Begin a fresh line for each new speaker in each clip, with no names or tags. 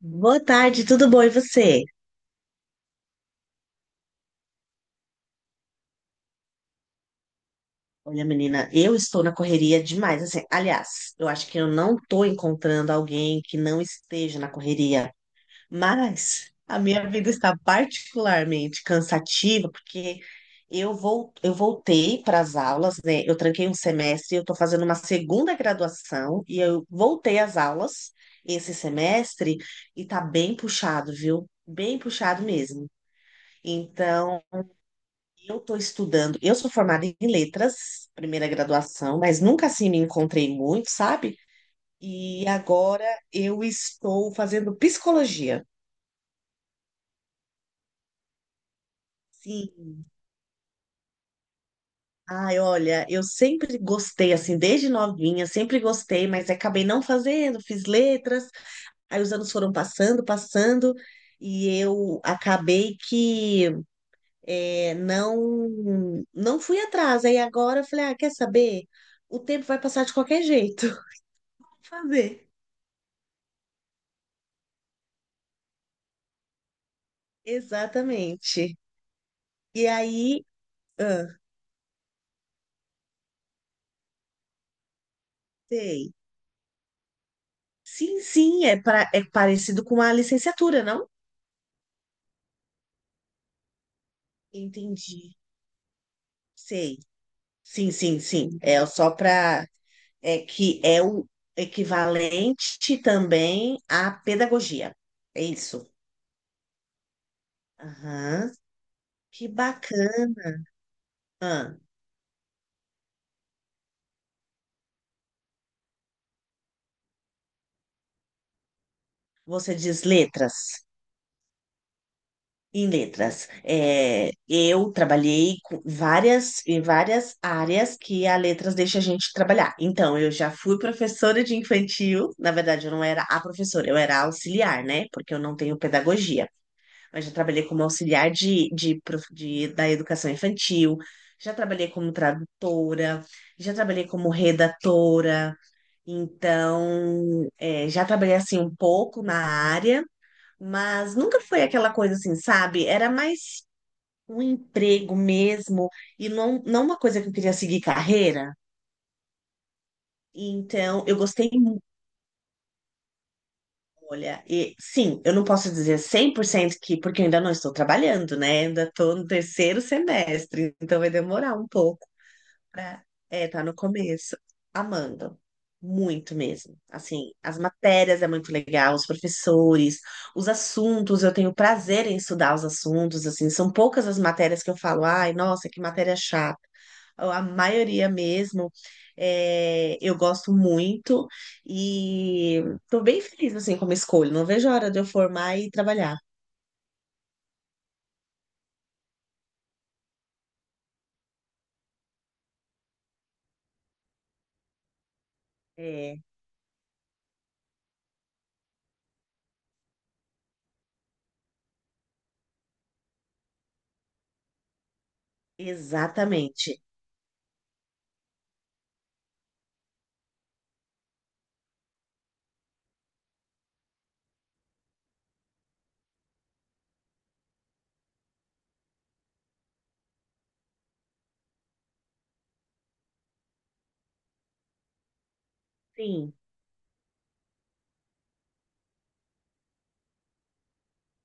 Boa tarde, tudo bom e você? Olha, menina, eu estou na correria demais. Assim, aliás, eu acho que eu não estou encontrando alguém que não esteja na correria, mas a minha vida está particularmente cansativa porque eu voltei para as aulas, né? Eu tranquei um semestre, eu estou fazendo uma segunda graduação e eu voltei às aulas esse semestre e tá bem puxado, viu? Bem puxado mesmo. Então, eu estou estudando. Eu sou formada em letras, primeira graduação, mas nunca assim me encontrei muito, sabe? E agora eu estou fazendo psicologia. Sim. Ai, olha, eu sempre gostei, assim, desde novinha, sempre gostei, mas acabei não fazendo, fiz letras, aí os anos foram passando, passando, e eu acabei que não fui atrás. Aí agora eu falei, ah, quer saber? O tempo vai passar de qualquer jeito. Vou fazer. Exatamente. E aí, ah, sei. Sim, sim, é parecido com a licenciatura, não? Entendi. Sei. Sim, sim, sim. É só para. É que é o equivalente também à pedagogia. É isso. Aham. Que bacana. Ah, você diz letras? Em letras. É, eu trabalhei com várias, em várias áreas que a letras deixa a gente trabalhar. Então, eu já fui professora de infantil. Na verdade, eu não era a professora, eu era auxiliar, né? Porque eu não tenho pedagogia. Mas já trabalhei como auxiliar da educação infantil. Já trabalhei como tradutora, já trabalhei como redatora, então já trabalhei assim um pouco na área, mas nunca foi aquela coisa assim, sabe? Era mais um emprego mesmo, e não uma coisa que eu queria seguir carreira. Então, eu gostei muito. Olha, e sim, eu não posso dizer 100% que, porque eu ainda não estou trabalhando, né? Ainda estou no terceiro semestre, então vai demorar um pouco. pra- É, tá no começo. Amando. Muito mesmo. Assim, as matérias é muito legal, os professores, os assuntos, eu tenho prazer em estudar os assuntos, assim, são poucas as matérias que eu falo, ai, nossa, que matéria chata. A maioria mesmo, eu gosto muito e tô bem feliz, assim, com a minha escolha. Não vejo a hora de eu formar e trabalhar. É, exatamente. Sim.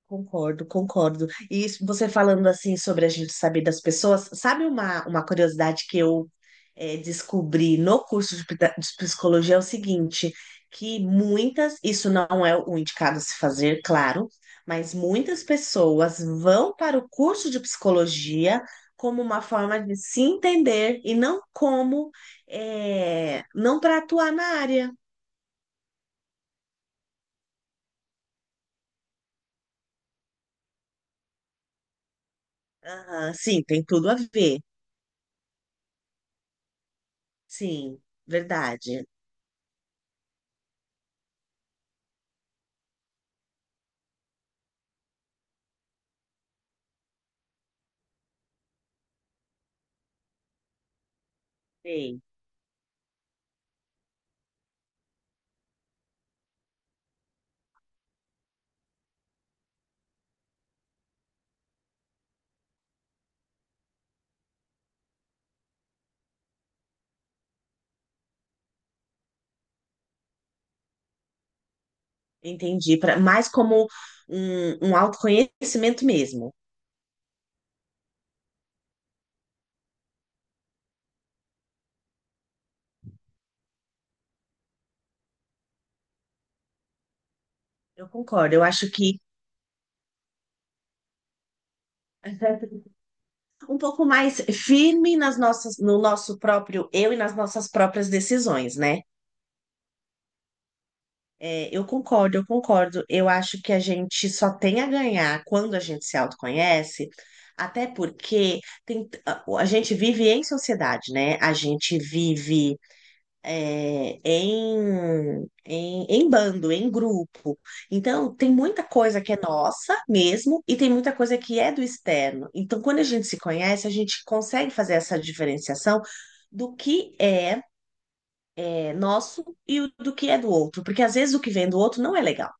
Concordo, concordo. E isso- você falando assim sobre a gente saber das pessoas, sabe uma curiosidade que eu descobri no curso de, de psicologia é o seguinte, que muitas, isso não é o indicado a se fazer, claro, mas muitas pessoas vão para o curso de psicologia como uma forma de se entender e não como, não para atuar na área. Aham, sim, tem tudo a ver. Sim, verdade. Sim. Entendi, pra, mais como um autoconhecimento mesmo. Eu concordo, eu acho que um pouco mais firme nas nossas, no nosso próprio eu e nas nossas próprias decisões, né? É, eu concordo, eu concordo. Eu acho que a gente só tem a ganhar quando a gente se autoconhece, até porque a gente vive em sociedade, né? A gente vive em bando, em grupo. Então, tem muita coisa que é nossa mesmo e tem muita coisa que é do externo. Então, quando a gente se conhece, a gente consegue fazer essa diferenciação do que é, nosso e do que é do outro, porque às vezes o que vem do outro não é legal.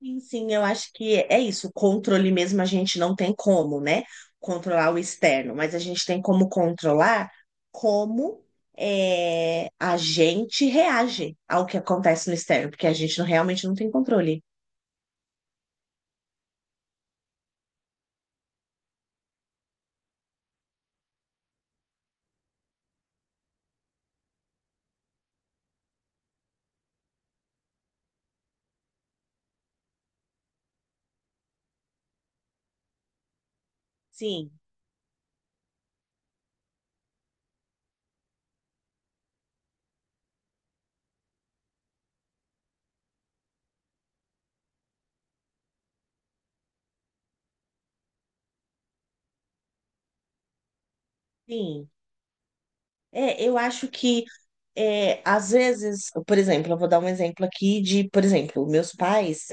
Sim, sim, eu acho que é isso. O controle mesmo a gente não tem como, né? Controlar o externo, mas a gente tem como controlar como a gente reage ao que acontece no externo, porque a gente não- realmente não tem controle. Sim, sim. É, eu acho que às vezes, por exemplo, eu vou dar um exemplo aqui de, por exemplo, meus pais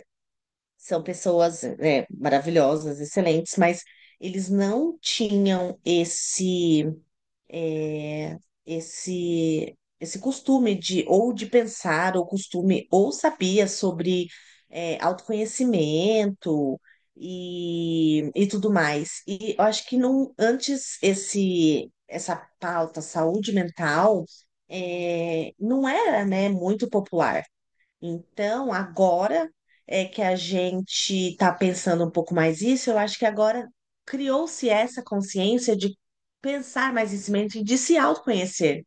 são pessoas, né, maravilhosas, excelentes, mas eles não tinham esse. é, esse costume de ou de pensar ou costume ou sabia sobre autoconhecimento e tudo mais. E eu acho que não antes esse essa pauta saúde mental não era, né, muito popular. Então, agora é que a gente está pensando um pouco mais isso, eu acho que agora criou-se essa consciência de pensar mais nesse momento e de se autoconhecer.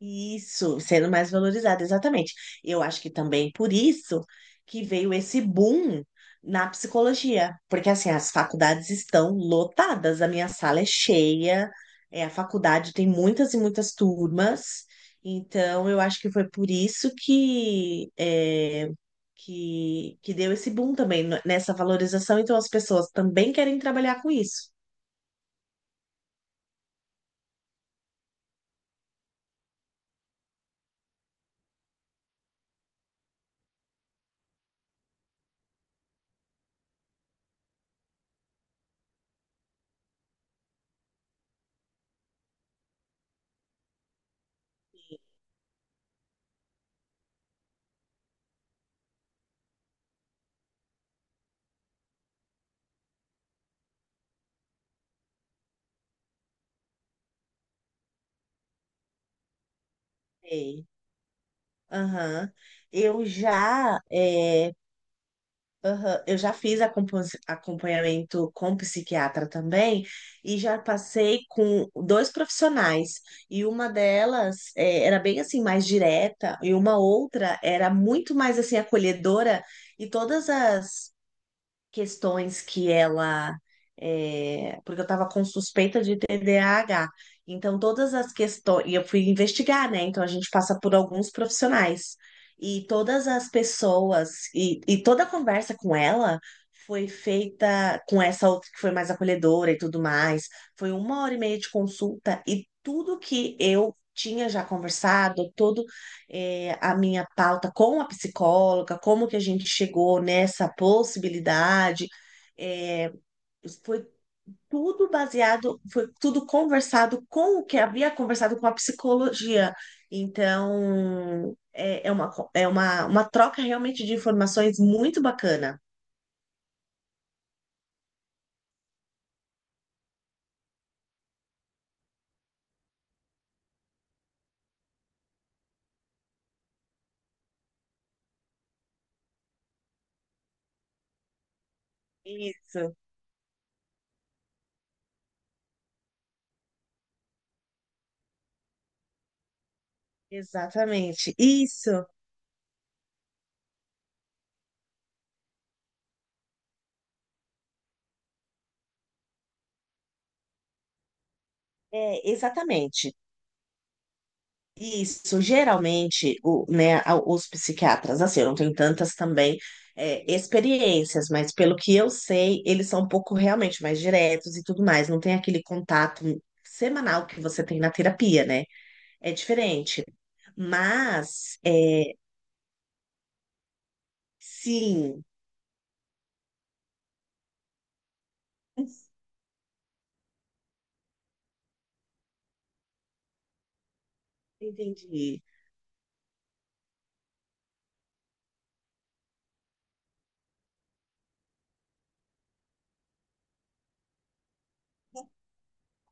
Isso, sendo mais valorizada, exatamente. Eu acho que também por isso que veio esse boom na psicologia, porque assim, as faculdades estão lotadas, a minha sala é cheia, a faculdade tem muitas e muitas turmas, então eu acho que foi por isso que, que deu esse boom também nessa valorização, então as pessoas também querem trabalhar com isso. Sei. Aham. Eu já é, Aham, eu já fiz acompanhamento com psiquiatra também e já passei com dois profissionais. E uma delas era bem assim mais direta e uma outra era muito mais assim acolhedora e todas as questões que ela. Porque eu estava com suspeita de TDAH. Então, todas as questões. E eu fui investigar, né? Então, a gente passa por alguns profissionais. E todas as pessoas. E toda a conversa com ela foi feita com essa outra que foi mais acolhedora e tudo mais. Foi uma hora e meia de consulta. E tudo que eu tinha já conversado, a minha pauta com a psicóloga, como que a gente chegou nessa possibilidade. É, foi tudo baseado, foi tudo conversado com o que havia conversado com a psicologia. Então, é uma troca realmente de informações muito bacana. Isso, exatamente. Isso, é, exatamente. Isso, geralmente, né, os psiquiatras, assim, eu não tenho tantas também experiências, mas pelo que eu sei, eles são um pouco realmente mais diretos e tudo mais, não tem aquele contato semanal que você tem na terapia, né? É diferente. Mas, é, sim, entendi.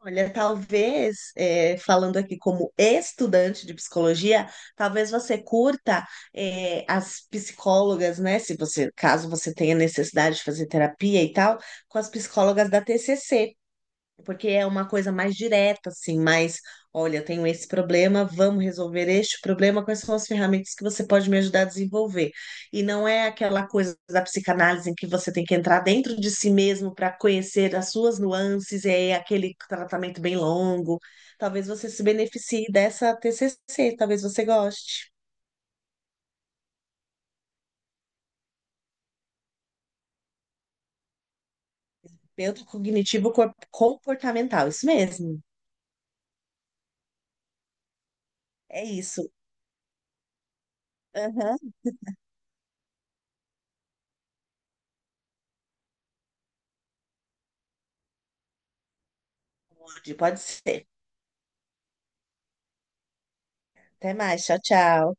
Olha, talvez, falando aqui como estudante de psicologia, talvez você curta, as psicólogas, né? Se você, caso você tenha necessidade de fazer terapia e tal, com as psicólogas da TCC. Porque é uma coisa mais direta, assim, mais, olha, eu tenho esse problema, vamos resolver este problema, quais são as ferramentas que você pode me ajudar a desenvolver? E não é aquela coisa da psicanálise em que você tem que entrar dentro de si mesmo para conhecer as suas nuances, e é aquele tratamento bem longo. Talvez você se beneficie dessa TCC, talvez você goste. Terapeuta cognitivo comportamental, isso mesmo. É isso. Aham. Pode, pode ser. Até mais, tchau, tchau.